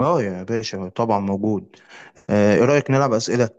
اه يا باشا طبعا موجود. ايه رأيك نلعب أسئلة؟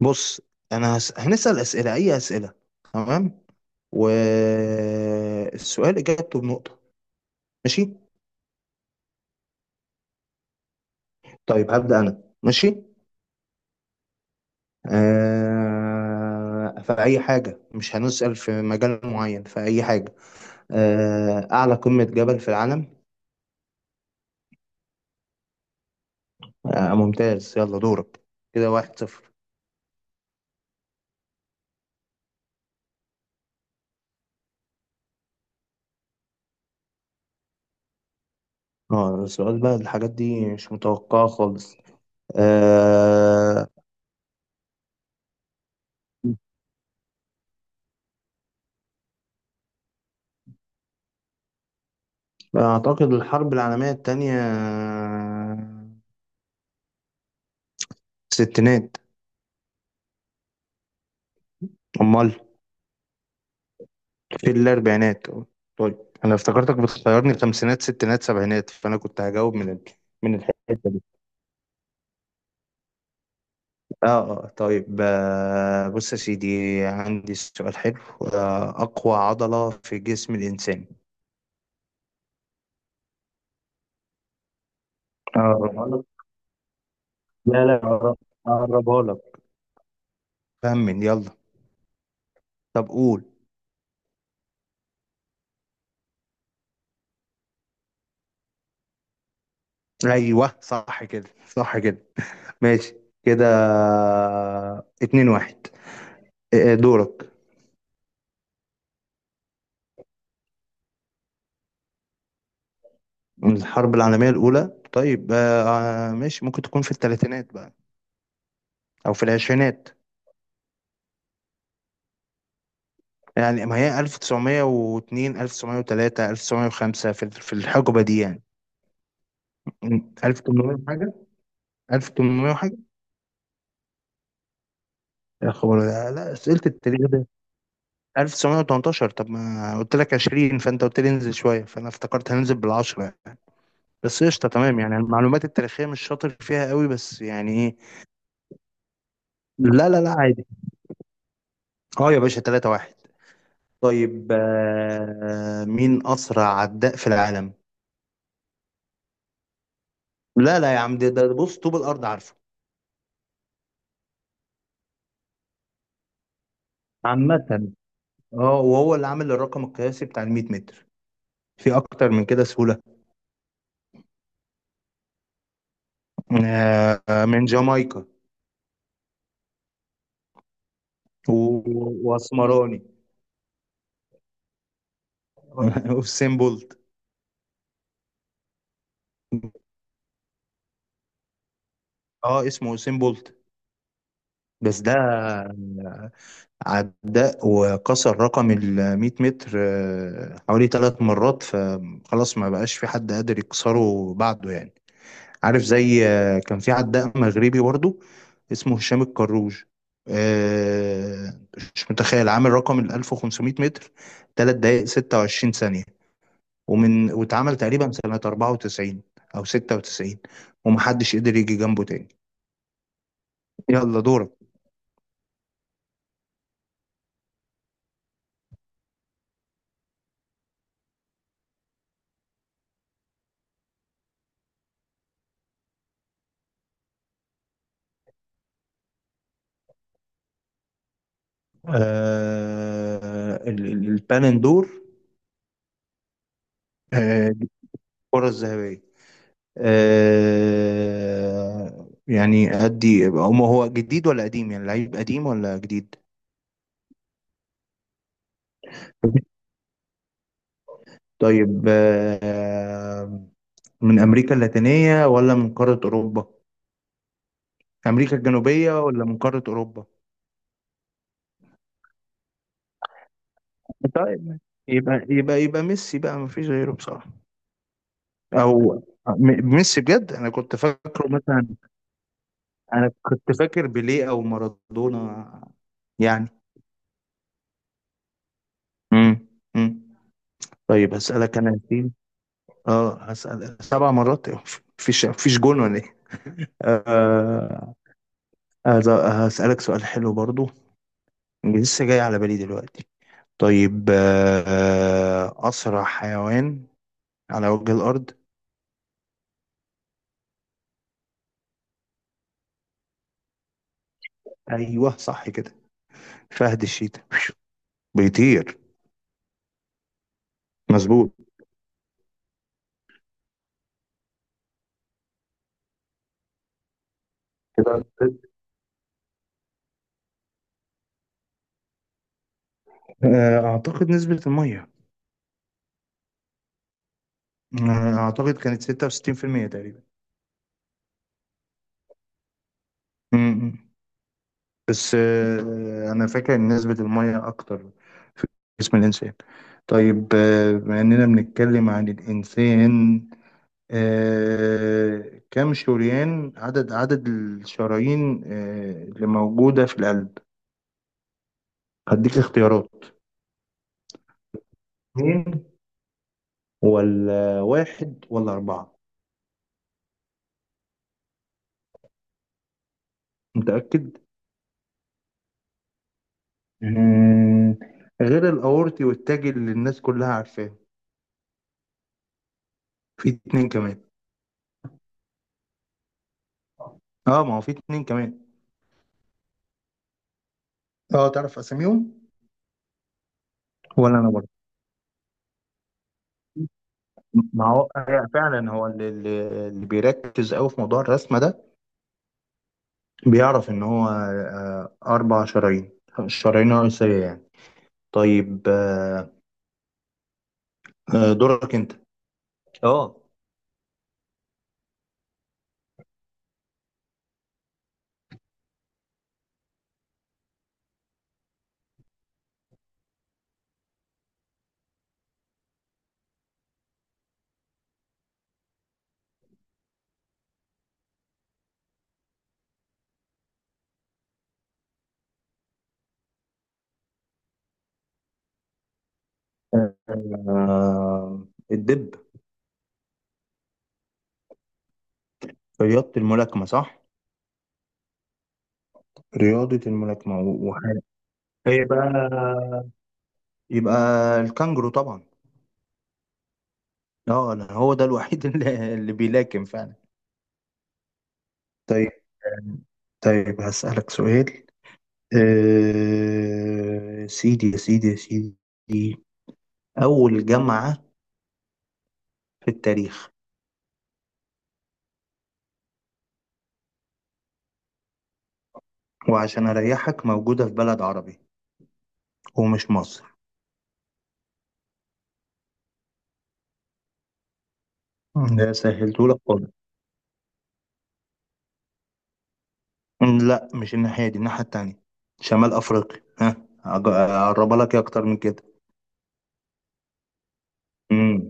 بص. انا هنسأل أسئلة، اي أسئلة. تمام، والسؤال إجابته بنقطة. ماشي. طيب هبدأ انا، ماشي. في اي حاجة، مش هنسأل في مجال معين، في اي حاجة. اعلى قمة جبل في العالم. ممتاز، يلا دورك. كده واحد صفر. اه، السؤال بقى الحاجات دي مش متوقعة خالص. آه... أعتقد الحرب العالمية التانية، ستينات. أمال؟ في الأربعينات. طيب، أنا افتكرتك بتخيرني خمسينات ستينات سبعينات، فأنا كنت هجاوب من من الحتة دي. طيب، بص يا سيدي، عندي سؤال حلو. أقوى عضلة في جسم الإنسان. أقربها لك. لا لا، أقربها لك. خمن يلا. طب قول. أيوه، صح كده صح كده. ماشي. كده اتنين واحد. إيه إيه، دورك. من الحرب العالمية الأولى، طيب. ماشي، ممكن تكون في الثلاثينات بقى، أو في العشرينات. يعني ما هي 1902 1903 1905، في الحقبة دي يعني. 1800 حاجة، 1800 حاجة. يا خبر، لا لا، أسئلة التاريخ ده. 1918؟ طب ما قلت لك 20، فأنت قلت لي انزل شوية، فأنا افتكرت هننزل بالعشرة يعني. بس قشطة، تمام، يعني المعلومات التاريخية مش شاطر فيها قوي، بس يعني إيه. لا لا لا، عادي. أه يا باشا، 3-1. طيب، مين أسرع عداء في العالم؟ لا لا يا عم، ده بص، طوب الأرض عارفه. عامة. اه، وهو اللي عامل الرقم القياسي بتاع ال 100 متر. في أكتر من كده سهولة؟ من جامايكا، وأسمراني. وسين بولت. اه، اسمه وسين بولت. بس ده عداء، وكسر رقم ال 100 متر حوالي ثلاث مرات، فخلاص ما بقاش في حد قادر يكسره بعده يعني. عارف، زي كان في عداء مغربي برضه، اسمه هشام الكروج. آه، مش متخيل عامل رقم ال 1500 متر 3 دقائق 26 ثانية، ومن واتعمل تقريبا سنة 94 أو 96، ومحدش قدر يجي جنبه تاني. يلا دورك. البالون دور. دي الكرة الذهبية. يعني أدي، هو جديد ولا قديم؟ يعني لعيب قديم ولا جديد؟ طيب، من أمريكا اللاتينية ولا من قارة أوروبا؟ أمريكا الجنوبية ولا من قارة أوروبا؟ طيب يبقى ميسي بقى، ما فيش غيره بصراحة. أو ميسي بجد؟ أنا كنت فاكره مثلا، أنا كنت فاكر بيليه أو مارادونا يعني. امم امم طيب، هسألك أنا دي. أه، هسأل سبع مرات إيه؟ مفيش جون ولا إيه؟ آه، هسألك سؤال حلو برضو، لسه جاي على بالي دلوقتي. طيب، أسرع حيوان على وجه الأرض. أيوه صح كده، فهد الشيتا بيطير. مظبوط. كده أعتقد نسبة المية. أعتقد كانت 66% تقريبا. م-م. بس أنا فاكر إن نسبة المية أكتر في جسم الإنسان. طيب، بما إننا بنتكلم عن الإنسان، كم شريان، عدد الشرايين اللي موجودة في القلب؟ هديك اختيارات. اتنين ولا واحد ولا أربعة؟ متأكد؟ مم، غير الأورطي والتاجي اللي الناس كلها عارفاه، في اتنين كمان. اه، ما هو في اتنين كمان. اه، تعرف أساميهم؟ ولا أنا برضه. ما هو هي فعلا، هو اللي بيركز أوي في موضوع الرسمة ده بيعرف إن هو أربع شرايين، الشرايين الرئيسية يعني. طيب. دورك أنت. اه. آه، الدب؟ رياضة الملاكمة، صح؟ رياضة الملاكمة وحاجة. هي بقى يبقى الكانجرو طبعا. اه، انا هو ده الوحيد اللي بيلاكم فعلا. طيب. طيب هسألك سؤال. سيدي يا سيدي يا سيدي، أول جامعة في التاريخ. وعشان أريحك، موجودة في بلد عربي، ومش مصر. ده سهلتهولك خالص. لا، مش الناحية دي، الناحية التانية، شمال أفريقيا ها. أقربها لك إيه أكتر من كده؟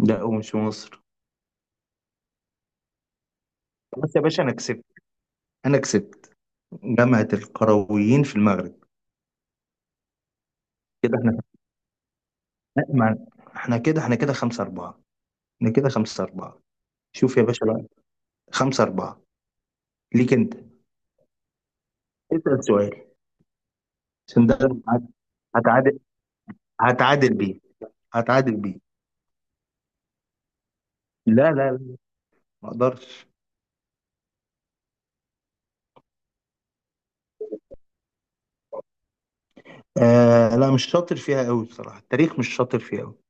لا، ومش في مصر. بس يا باشا، انا كسبت، انا كسبت. جامعة القرويين في المغرب. كده احنا مع- احنا كده خمسة أربعة. احنا كده خمسة أربعة. شوف يا باشا بقى، خمسة أربعة. ليك أنت، اسأل سؤال، عشان ده هت- هتعادل، هتعادل بيه، هتعادل بيه. لا لا لا، ما أقدرش. لا، مش شاطر فيها قوي بصراحة، التاريخ مش شاطر فيها قوي.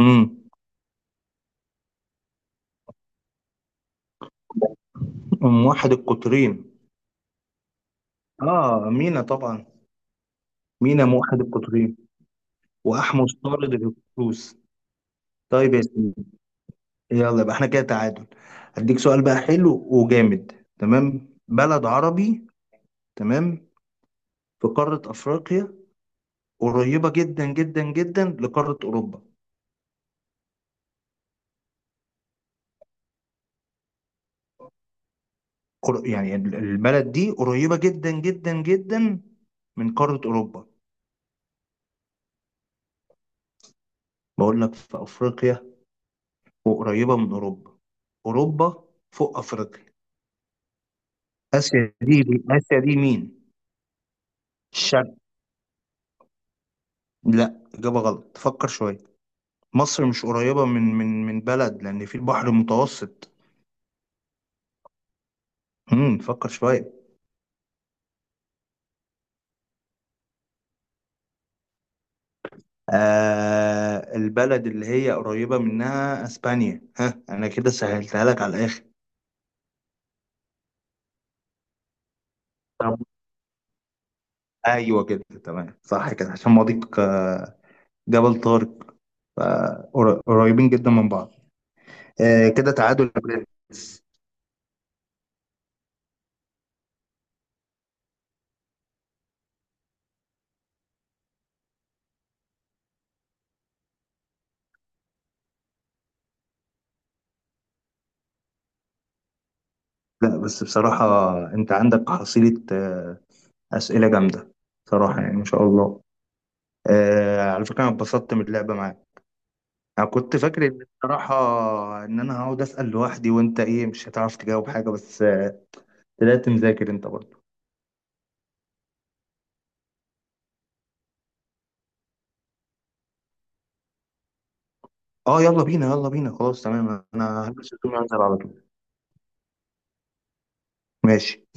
امم أم واحد القطرين. اه، مينا طبعا. مينا موحد القطرين، وأحمس طارد الهكسوس. طيب يا سيدي، يلا يبقى احنا كده تعادل. هديك سؤال بقى حلو وجامد. تمام، بلد عربي. تمام، في قارة أفريقيا، قريبة جدا جدا جدا لقارة أوروبا. يعني البلد دي قريبة جدا جدا جدا من قارة أوروبا. بقول لك في أفريقيا، وقريبة من أوروبا. أوروبا فوق أفريقيا. آسيا دي آسيا دي مين؟ الشرق. لا، إجابة غلط، فكر شوية. مصر مش قريبة من بلد، لأن في البحر المتوسط. فكر شوية. البلد اللي هي قريبة منها اسبانيا ها، انا كده سهلتها لك على الاخر. طب، ايوه كده، تمام، صح كده، عشان مضيق جبل طارق، قريبين جدا من بعض. كده تعادل يا برنس. لا بس بصراحة، انت عندك حصيلة اسئلة جامدة، صراحة، يعني ما شاء الله. على فكرة، انا اتبسطت من اللعبة معاك. انا كنت فاكر ان بصراحه ان انا هقعد اسال لوحدي، وانت ايه مش هتعرف تجاوب حاجه، بس طلعت مذاكر انت برضه. اه يلا بينا، يلا بينا، خلاص تمام، انا هلبس هدومي وانزل على طول. ماشي.